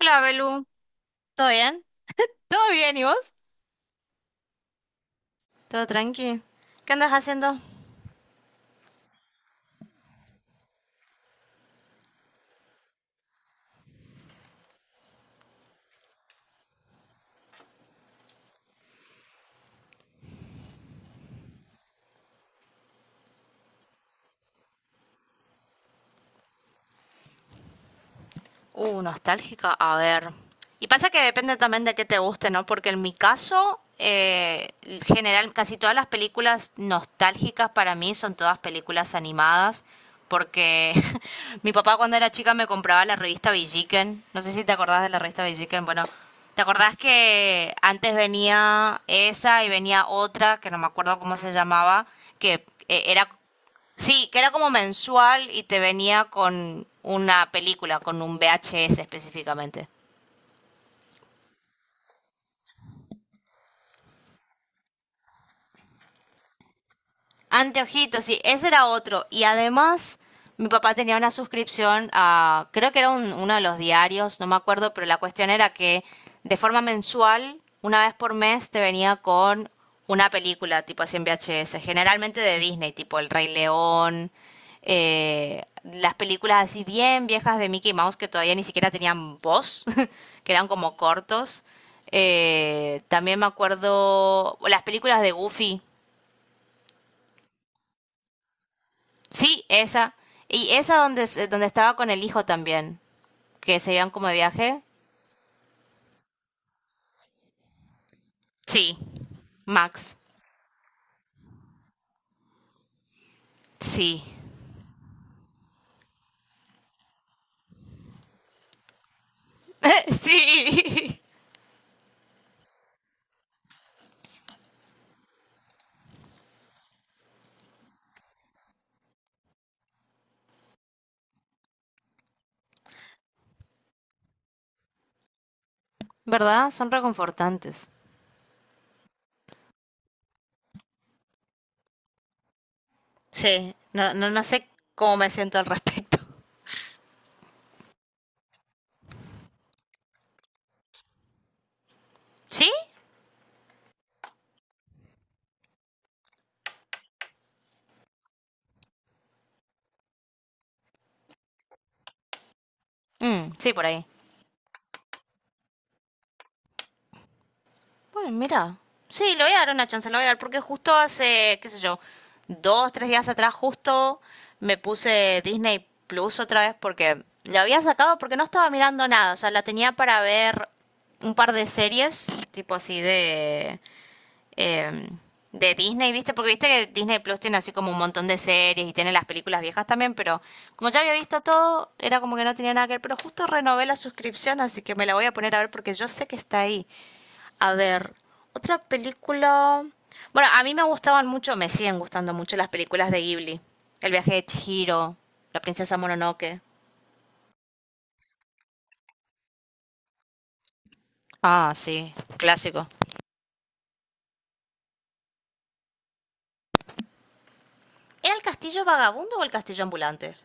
Hola, Belu. ¿Todo bien? ¿Todo bien y vos? ¿Todo tranqui? ¿Qué andas haciendo? Nostálgica. A ver. Y pasa que depende también de qué te guste, ¿no? Porque en mi caso, general, casi todas las películas nostálgicas para mí son todas películas animadas. Porque mi papá cuando era chica me compraba la revista Villiquen. No sé si te acordás de la revista Villiquen. Bueno, ¿te acordás que antes venía esa y venía otra, que no me acuerdo cómo se llamaba, que era sí, que era como mensual y te venía con una película, con un VHS específicamente. Anteojitos, sí, ese era otro. Y además, mi papá tenía una suscripción a, creo que era uno de los diarios, no me acuerdo, pero la cuestión era que de forma mensual, una vez por mes, te venía con una película, tipo así en VHS, generalmente de Disney, tipo El Rey León, las películas así bien viejas de Mickey Mouse que todavía ni siquiera tenían voz, que eran como cortos. También me acuerdo las películas de Goofy, sí, esa. Y esa donde, donde estaba con el hijo también, que se iban como de viaje. Sí. Max. Sí. sí. ¿Verdad? Son reconfortantes. Sí. No, no, no sé cómo me siento al respecto. ¿Sí? Mm, sí, por ahí. Bueno, mira. Sí, le voy a dar una chance, le voy a dar, porque justo hace, qué sé yo, dos, tres días atrás, justo me puse Disney Plus otra vez porque la había sacado porque no estaba mirando nada. O sea, la tenía para ver un par de series, tipo así de. eh, de Disney, ¿viste? Porque viste que Disney Plus tiene así como un montón de series y tiene las películas viejas también, pero como ya había visto todo, era como que no tenía nada que ver. Pero justo renové la suscripción, así que me la voy a poner a ver porque yo sé que está ahí. A ver, otra película. Bueno, a mí me gustaban mucho, me siguen gustando mucho las películas de Ghibli. El viaje de Chihiro, La princesa Mononoke. Ah, sí, clásico. ¿Era el castillo vagabundo o el castillo ambulante?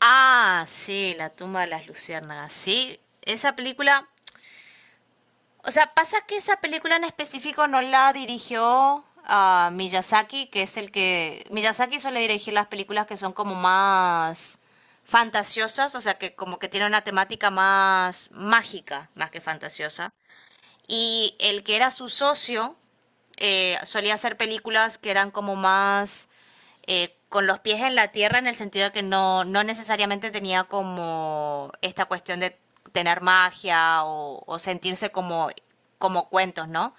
Ah, sí, La tumba de las luciérnagas. Sí, esa película. O sea, pasa que esa película en específico no la dirigió a Miyazaki, que es el que... Miyazaki suele dirigir las películas que son como más fantasiosas, o sea, que como que tiene una temática más mágica, más que fantasiosa. Y el que era su socio solía hacer películas que eran como más con los pies en la tierra en el sentido de que no, no necesariamente tenía como esta cuestión de tener magia o sentirse como, como cuentos, ¿no?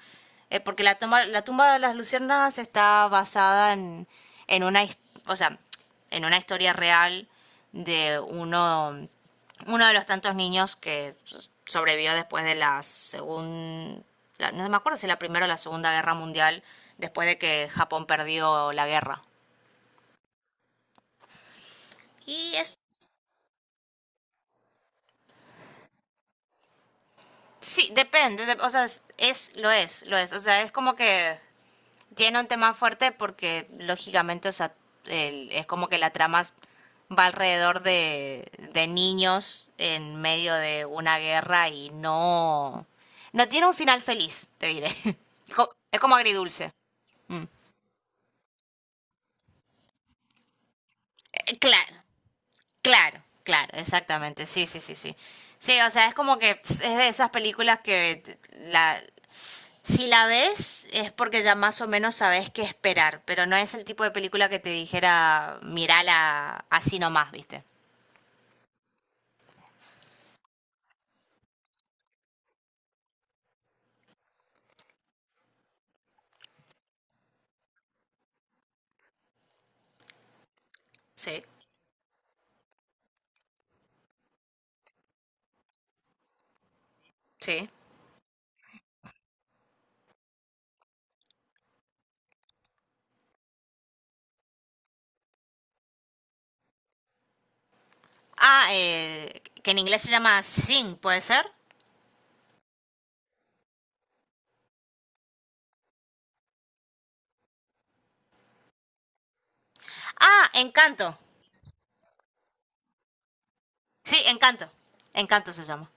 Porque la tumba de las luciérnagas está basada en, en una, his- o sea, en una historia real de uno de los tantos niños que sobrevivió después de la segunda, no me acuerdo si la primera o la segunda guerra mundial, después de que Japón perdió la guerra. Y es, sí, depende, o sea, lo es, o sea, es como que tiene un tema fuerte porque lógicamente, o sea, es como que va alrededor de niños en medio de una guerra y no, no tiene un final feliz, te diré. Es como agridulce. Claro, claro, claro, exactamente. Sí, sí, sí, sí. Sí, o sea, es como que es de esas películas que si la ves es porque ya más o menos sabes qué esperar, pero no es el tipo de película que te dijera, mirala así nomás, ¿viste? Sí, sí. Ah, que en inglés se llama Sing, ¿puede ser? Ah, Encanto. Sí, Encanto. Encanto se llama.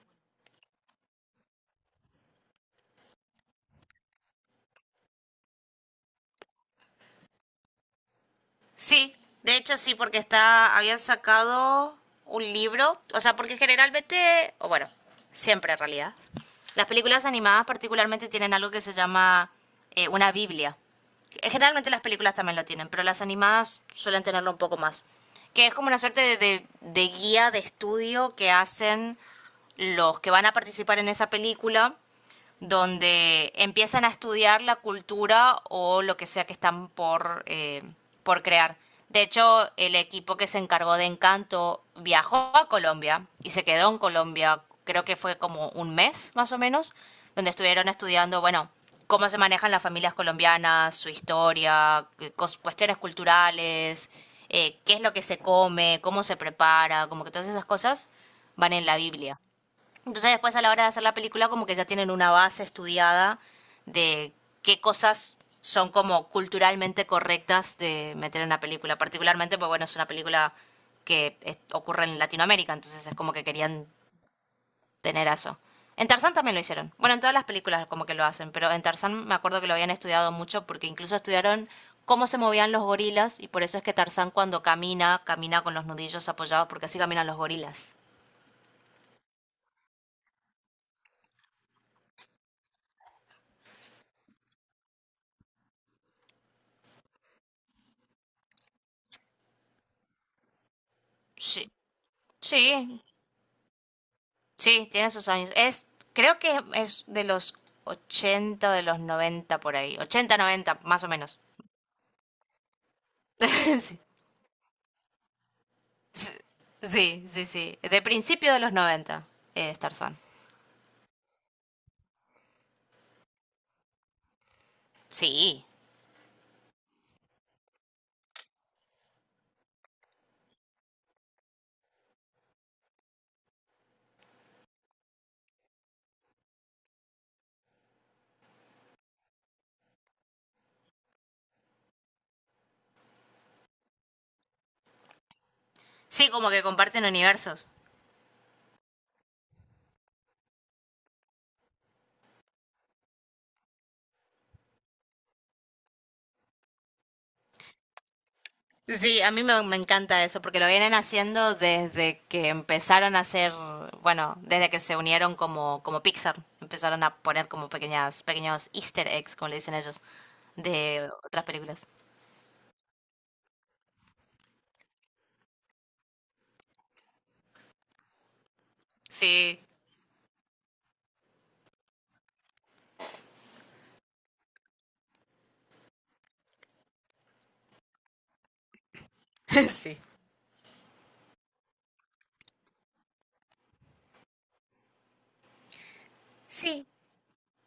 Sí, de hecho sí, porque está, habían sacado un libro, o sea, porque generalmente, o bueno, siempre en realidad, las películas animadas particularmente tienen algo que se llama una Biblia. Generalmente las películas también lo tienen, pero las animadas suelen tenerlo un poco más. Que es como una suerte de, de guía de estudio que hacen los que van a participar en esa película donde empiezan a estudiar la cultura o lo que sea que están por crear. De hecho, el equipo que se encargó de Encanto viajó a Colombia y se quedó en Colombia, creo que fue como un mes más o menos, donde estuvieron estudiando, bueno, cómo se manejan las familias colombianas, su historia, cuestiones culturales, qué es lo que se come, cómo se prepara, como que todas esas cosas van en la Biblia. Entonces después a la hora de hacer la película como que ya tienen una base estudiada de qué cosas son como culturalmente correctas de meter en una película, particularmente pues bueno, es una película ocurre en Latinoamérica, entonces es como que querían tener eso. En Tarzán también lo hicieron. Bueno, en todas las películas como que lo hacen, pero en Tarzán me acuerdo que lo habían estudiado mucho porque incluso estudiaron cómo se movían los gorilas y por eso es que Tarzán cuando camina, camina con los nudillos apoyados porque así caminan los gorilas. Sí, sí, sí, tiene sus años. Es, creo que es de los 80, de los 90 por ahí. Ochenta 90, más o menos. Sí, sí, sí, sí. De principio de los 90. Starzan. Sí, sí, como que comparten universos. Sí, a me encanta eso, porque lo vienen haciendo desde que empezaron a hacer, bueno, desde que se unieron como, como Pixar. Empezaron a poner como pequeños easter eggs, como le dicen ellos, de otras películas. Sí, sí. Sí,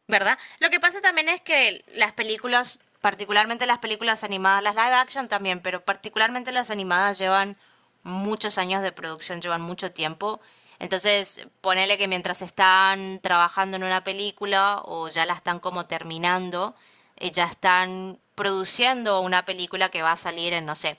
¿verdad? Lo que pasa también es que las películas, particularmente las películas animadas, las live action también, pero particularmente las animadas llevan muchos años de producción, llevan mucho tiempo. Entonces, ponele que mientras están trabajando en una película o ya la están como terminando, ya están produciendo una película que va a salir en, no sé,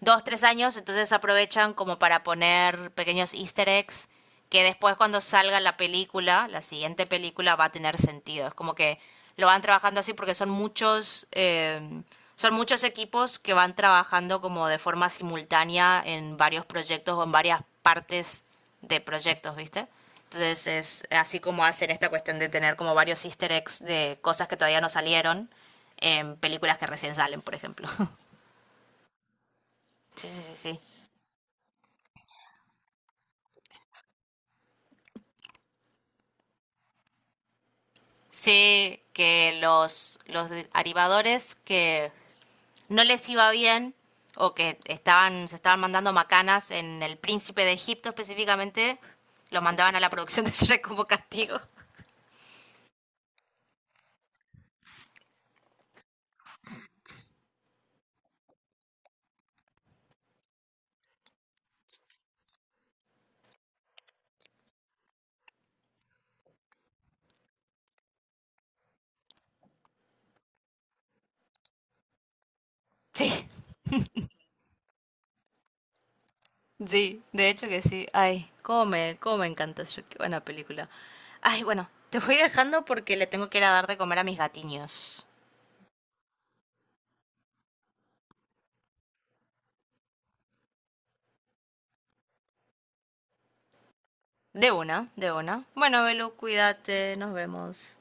dos, tres años, entonces aprovechan como para poner pequeños easter eggs que después cuando salga la película, la siguiente película va a tener sentido. Es como que lo van trabajando así porque son muchos equipos que van trabajando como de forma simultánea en varios proyectos o en varias partes de proyectos, ¿viste? Entonces es así como hacen esta cuestión de tener como varios easter eggs de cosas que todavía no salieron en películas que recién salen, por ejemplo. sí, sí, sí, sí. Sé que los arribadores que no les iba bien o que se estaban mandando macanas en el príncipe de Egipto específicamente, los mandaban a la producción de Shrek como castigo. Sí, sí, de hecho que sí. Ay, cómo me encanta Shrek, qué buena película. Ay, bueno, te voy dejando porque le tengo que ir a dar de comer a mis gatiños. De una, de una. Bueno, Belu, cuídate, nos vemos.